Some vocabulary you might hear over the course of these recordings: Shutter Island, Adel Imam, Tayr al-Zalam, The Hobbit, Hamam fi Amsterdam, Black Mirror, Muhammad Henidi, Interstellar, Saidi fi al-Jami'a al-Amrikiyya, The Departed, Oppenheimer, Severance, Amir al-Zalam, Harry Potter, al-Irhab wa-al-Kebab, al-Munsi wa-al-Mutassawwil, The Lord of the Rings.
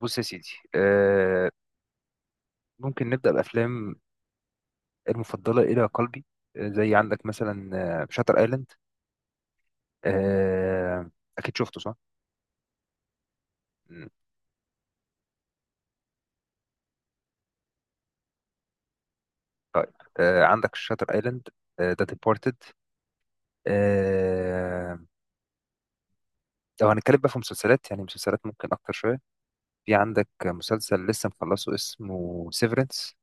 بص يا سيدي. آه ممكن نبدأ بأفلام المفضلة إلى قلبي. زي عندك مثلا شاتر ايلاند. آه، أكيد شفته صح؟ م. عندك شاتر ايلاند، ذا ديبارتد. آه لو هنتكلم بقى في مسلسلات، يعني مسلسلات ممكن أكتر شوية، في عندك مسلسل لسه مخلصه اسمه سيفرنس.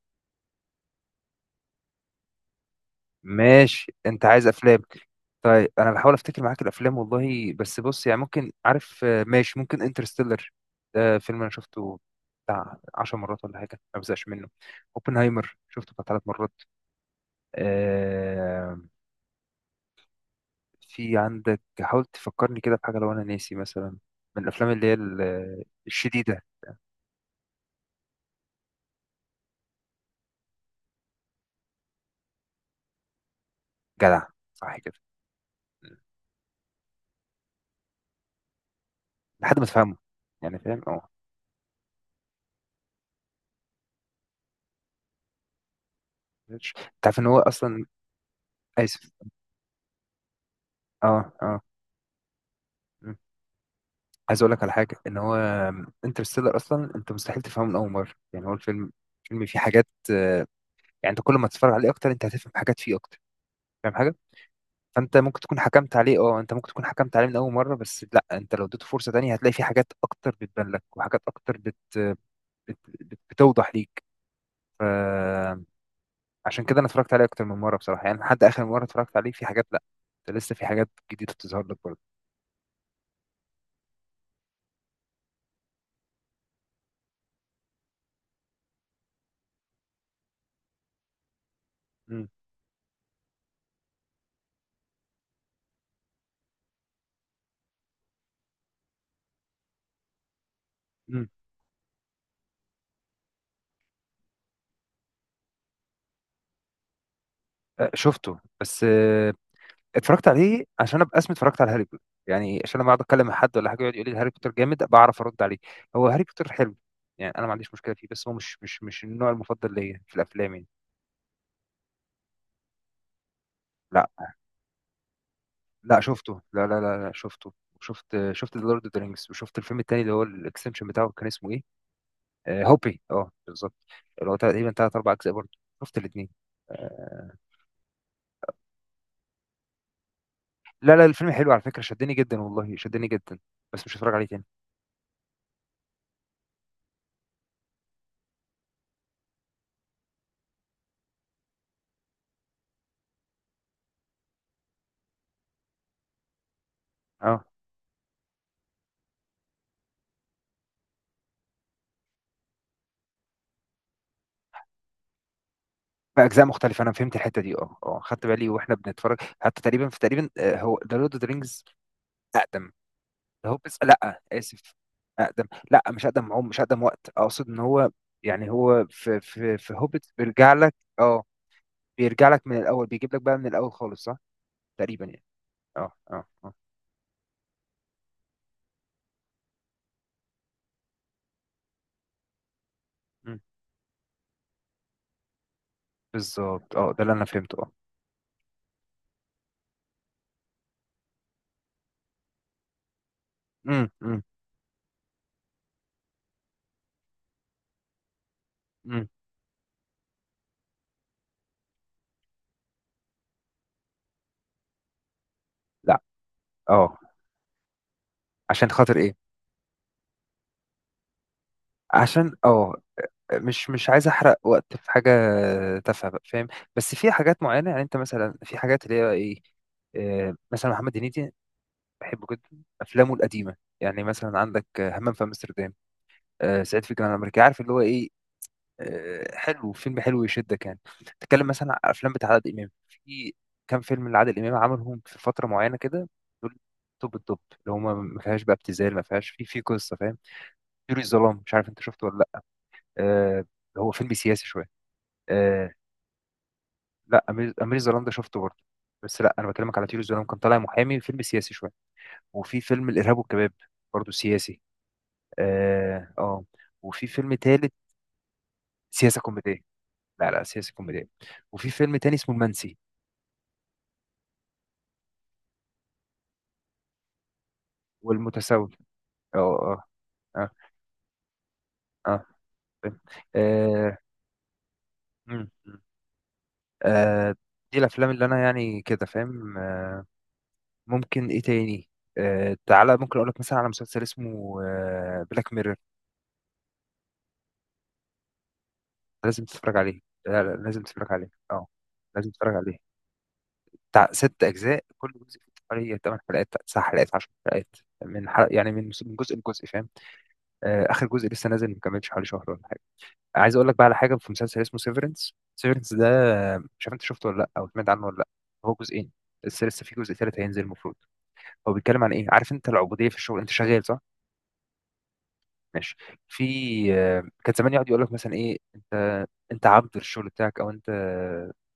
ماشي، انت عايز افلام. طيب، انا بحاول افتكر معاك الافلام والله، بس بص يعني ممكن عارف، ماشي، ممكن انترستيلر. ده فيلم انا شفته بتاع 10 مرات ولا حاجه، ما بزهقش منه. اوبنهايمر شفته بتاع ثلاث مرات. آه في عندك، حاول تفكرني كده بحاجه لو انا ناسي مثلا، من الافلام اللي هي الشديده. جدع، صح كده. لحد ما تفهمه يعني، فاهم؟ اه. انت عارف ان هو اصلا، اسف. اه اه. عايز اقول لك على حاجه، ان هو انترستيلر اصلا انت مستحيل تفهمه من اول مره، يعني هو الفيلم فيه حاجات، يعني انت كل ما تتفرج عليه اكتر، انت هتفهم حاجات فيه اكتر. فاهم حاجه؟ فانت ممكن تكون حكمت عليه، اه انت ممكن تكون حكمت عليه من اول مره، بس لا، انت لو اديته فرصه تانية هتلاقي فيه حاجات اكتر بتبان لك، وحاجات اكتر بتوضح ليك. فعشان كده انا اتفرجت عليه اكتر من مره بصراحه، يعني لحد اخر مره اتفرجت عليه في حاجات، لا ده لسه في حاجات جديده بتظهر لك برضه. مم. مم. شفته، بس اتفرجت عليه عشان ابقى اسمي اتفرجت على هاري بوتر، يعني عشان لما اقعد اتكلم مع حد ولا حاجه يقعد يقول لي هاري بوتر جامد، بعرف ارد عليه. هو هاري بوتر حلو، يعني انا ما عنديش مشكله فيه، بس هو مش النوع المفضل ليا في الافلام يعني. لا. لا شفته، لا لا لا, لا شفته. شفت ذا لورد اوف ذا رينجز، وشفت الفيلم التاني اللي هو الاكستنشن بتاعه كان اسمه ايه؟ آه هوبي، اه بالظبط. اللي هو تقريبا ثلاث اربع اجزاء برضه. شفت الاثنين. آه. لا لا، الفيلم حلو على فكره، شدني جدا والله، شدني جدا، بس مش هتفرج عليه تاني. اه، بأجزاء مختلفة. أنا فهمت الحتة دي، اه اه، خدت بالي واحنا بنتفرج. حتى تقريبا في تقريبا، هو ذا لورد اوف ذا رينجز أقدم، ده هو، بس لا آسف. أقدم، لا مش أقدم عمر، مش أقدم وقت، أقصد إن هو يعني هو في هوبت بيرجع لك، اه، بيرجع لك من الأول، بيجيب لك بقى من الأول خالص، صح. تقريبا يعني، اه اه اه. مم. بالظبط اه، ده اللي أنا فهمته اه. مم، مم، مم. لا اه. عشان خاطر إيه؟ عشان مش عايز احرق وقت في حاجه تافهه بقى، فاهم؟ بس في حاجات معينه، يعني انت مثلا في حاجات اللي هي ايه، مثلا محمد هنيدي بحبه جدا، افلامه القديمه يعني مثلا عندك همام في امستردام، صعيدي في الجامعه الامريكيه، عارف اللي هو ايه، حلو، فيلم حلو يشدك يعني. تتكلم مثلا عن افلام بتاع عادل امام، في كام فيلم لعادل امام عملهم في فتره معينه كده، دول توب التوب، اللي هما ما فيهاش بقى ابتذال، ما فيهاش في قصه، فاهم؟ طيور الظلام، مش عارف انت شفته ولا لا. آه، هو فيلم سياسي شويه. آه، لا، امير الظلام ده شفته برضه، بس لا انا بكلمك على طيور الظلام، كان طالع محامي، فيلم سياسي شويه. وفي فيلم الارهاب والكباب برضه سياسي. اه اه. وفي فيلم تالت. سياسه كوميديه، لا لا سياسه كوميديه. وفي فيلم تاني اسمه المنسي والمتسول. اه اه. اه اه. فاهم. آه، مم، مم. آه، دي الافلام اللي انا يعني كده، فاهم. ممكن ايه تاني؟ تعالى، ممكن اقول لك مثلا على مسلسل اسمه بلاك ميرور. لازم تتفرج عليه. لا لا لازم تتفرج عليه، اه لازم تتفرج عليه. بتاع ست أجزاء، كل جزء فيه حوالي 8 حلقات، 9 حلقات، 10 حلقات، من حلق يعني من جزء لجزء، فاهم؟ آه، آخر جزء لسه نازل، ما كملش حوالي شهر ولا حاجة. عايز أقول لك بقى على حاجة، في مسلسل اسمه سيفرنس، سيفرنس ده، مش عارف أنت شفته ولا لأ، أو سمعت عنه ولا لأ. هو جزئين، لسه في جزء تالت هينزل المفروض. هو بيتكلم عن إيه، عارف أنت العبودية في الشغل؟ أنت شغال صح؟ ماشي. في كان زمان يقعد يقول لك مثلا ايه، انت انت عبد للشغل بتاعك، او انت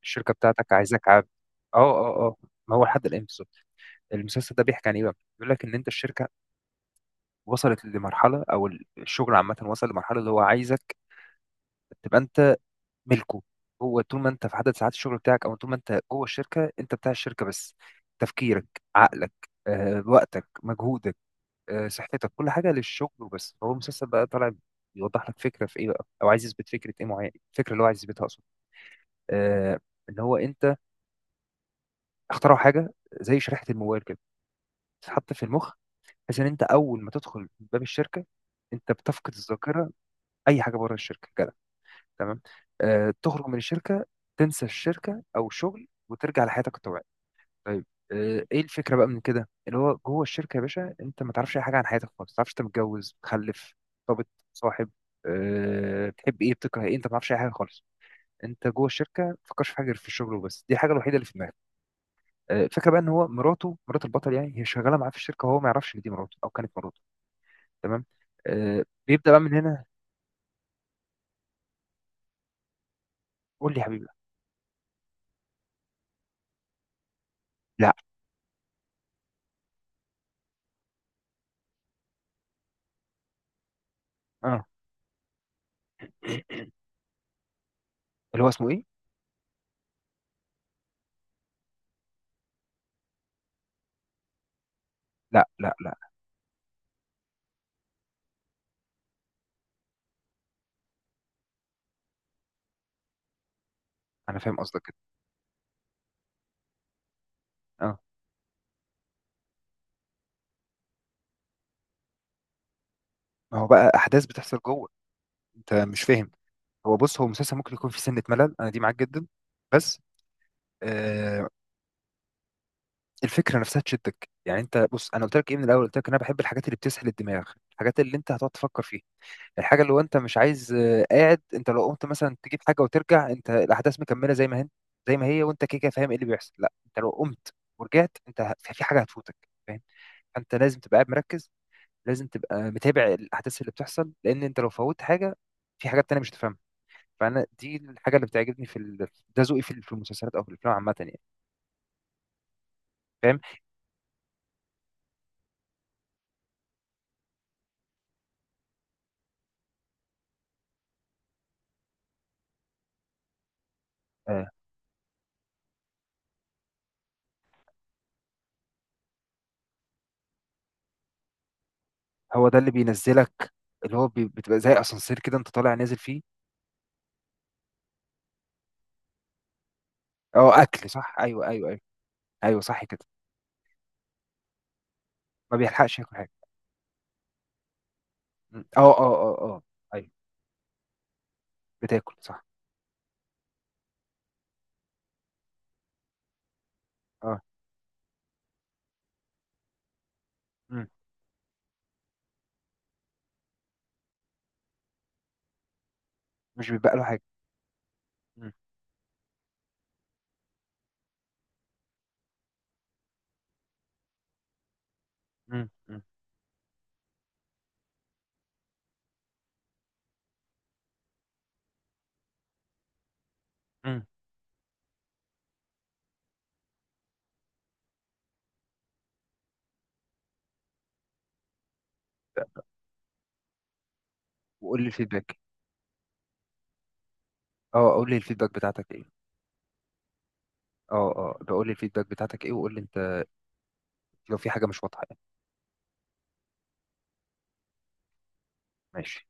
الشركه بتاعتك عايزاك عبد. اه اه اه. ما هو لحد الان بالظبط، المسلسل ده بيحكي عن ايه بقى؟ بيقول لك ان انت الشركه وصلت لمرحله، او الشغل عامه وصل لمرحله اللي هو عايزك تبقى انت ملكه. هو طول ما انت في عدد ساعات الشغل بتاعك او طول ما انت جوه الشركه، انت بتاع الشركه بس. تفكيرك، عقلك، وقتك، مجهودك، صحتك، كل حاجه للشغل وبس. هو المسلسل بقى طالع بيوضح لك فكره في ايه بقى، او عايز يثبت فكره ايه معينه. الفكره اللي هو عايز يثبتها اصلا، آه ان هو انت، اخترعوا حاجه زي شريحه الموبايل كده تتحط في المخ، بحيث ان انت اول ما تدخل من باب الشركه انت بتفقد الذاكره. اي حاجه بره الشركه كده، تمام؟ تخرج من الشركه، تنسى الشركه او الشغل وترجع لحياتك الطبيعيه. طيب، ايه الفكره بقى من كده؟ اللي هو جوه الشركه يا باشا، انت ما تعرفش اي حاجه عن حياتك خالص، ما تعرفش انت متجوز، مخلف، مرتبط، صاحب، بتحب ايه بتكره ايه، انت ما تعرفش اي حاجه خالص. انت جوه الشركه ما تفكرش في حاجه غير في الشغل وبس، دي الحاجه الوحيده اللي في دماغك. الفكره بقى ان هو مراته، مرات البطل يعني، هي شغاله معاه في الشركه وهو ما يعرفش ان دي مراته او كانت مراته. تمام. بيبدا بقى من هنا. قول لي يا حبيبي. لا اه. اللي هو اسمه ايه؟ لا لا لا، انا فاهم قصدك كده. اه. ما هو بقى احداث بتحصل جوه، انت مش فاهم. هو بص، هو مسلسل ممكن يكون فيه سنة ملل، أنا دي معاك جدا. بس آه، الفكرة نفسها تشدك يعني. أنت بص، أنا قلت لك إيه من الأول؟ قلت لك أنا بحب الحاجات اللي بتسحل الدماغ، الحاجات اللي أنت هتقعد تفكر فيها. الحاجة اللي هو أنت مش عايز، آه، قاعد أنت لو قمت مثلا تجيب حاجة وترجع، أنت الأحداث مكملة زي ما هي، زي ما هي، وأنت كده كده فاهم إيه اللي بيحصل. لا، أنت لو قمت ورجعت أنت، في في حاجة هتفوتك، فاهم؟ فأنت لازم تبقى قاعد مركز، لازم تبقى متابع الأحداث اللي بتحصل، لأن أنت لو فوت حاجة في حاجات تانية مش هتفهمها. فانا دي الحاجه اللي بتعجبني في ده ذوقي في في المسلسلات او في الافلام عامه يعني. فاهم؟ آه هو ده اللي بينزلك، اللي هو بتبقى زي اسانسير كده انت طالع نازل فيه. اه اكل، صح ايوه ايوه ايوه. ايوه صح كده. ما بيلحقش ياكل حاجه. م. اه اه اه اه. ايوه بتاكل صح اه. م. مش بيبقى له حاجه. م. م. م. م. وقول لي الفيدباك. اه قول لي الفيدباك بتاعتك ايه. اه اه، بقول لي الفيدباك بتاعتك ايه، وقول لي انت لو في حاجه مش واضحه يعني. ماشي.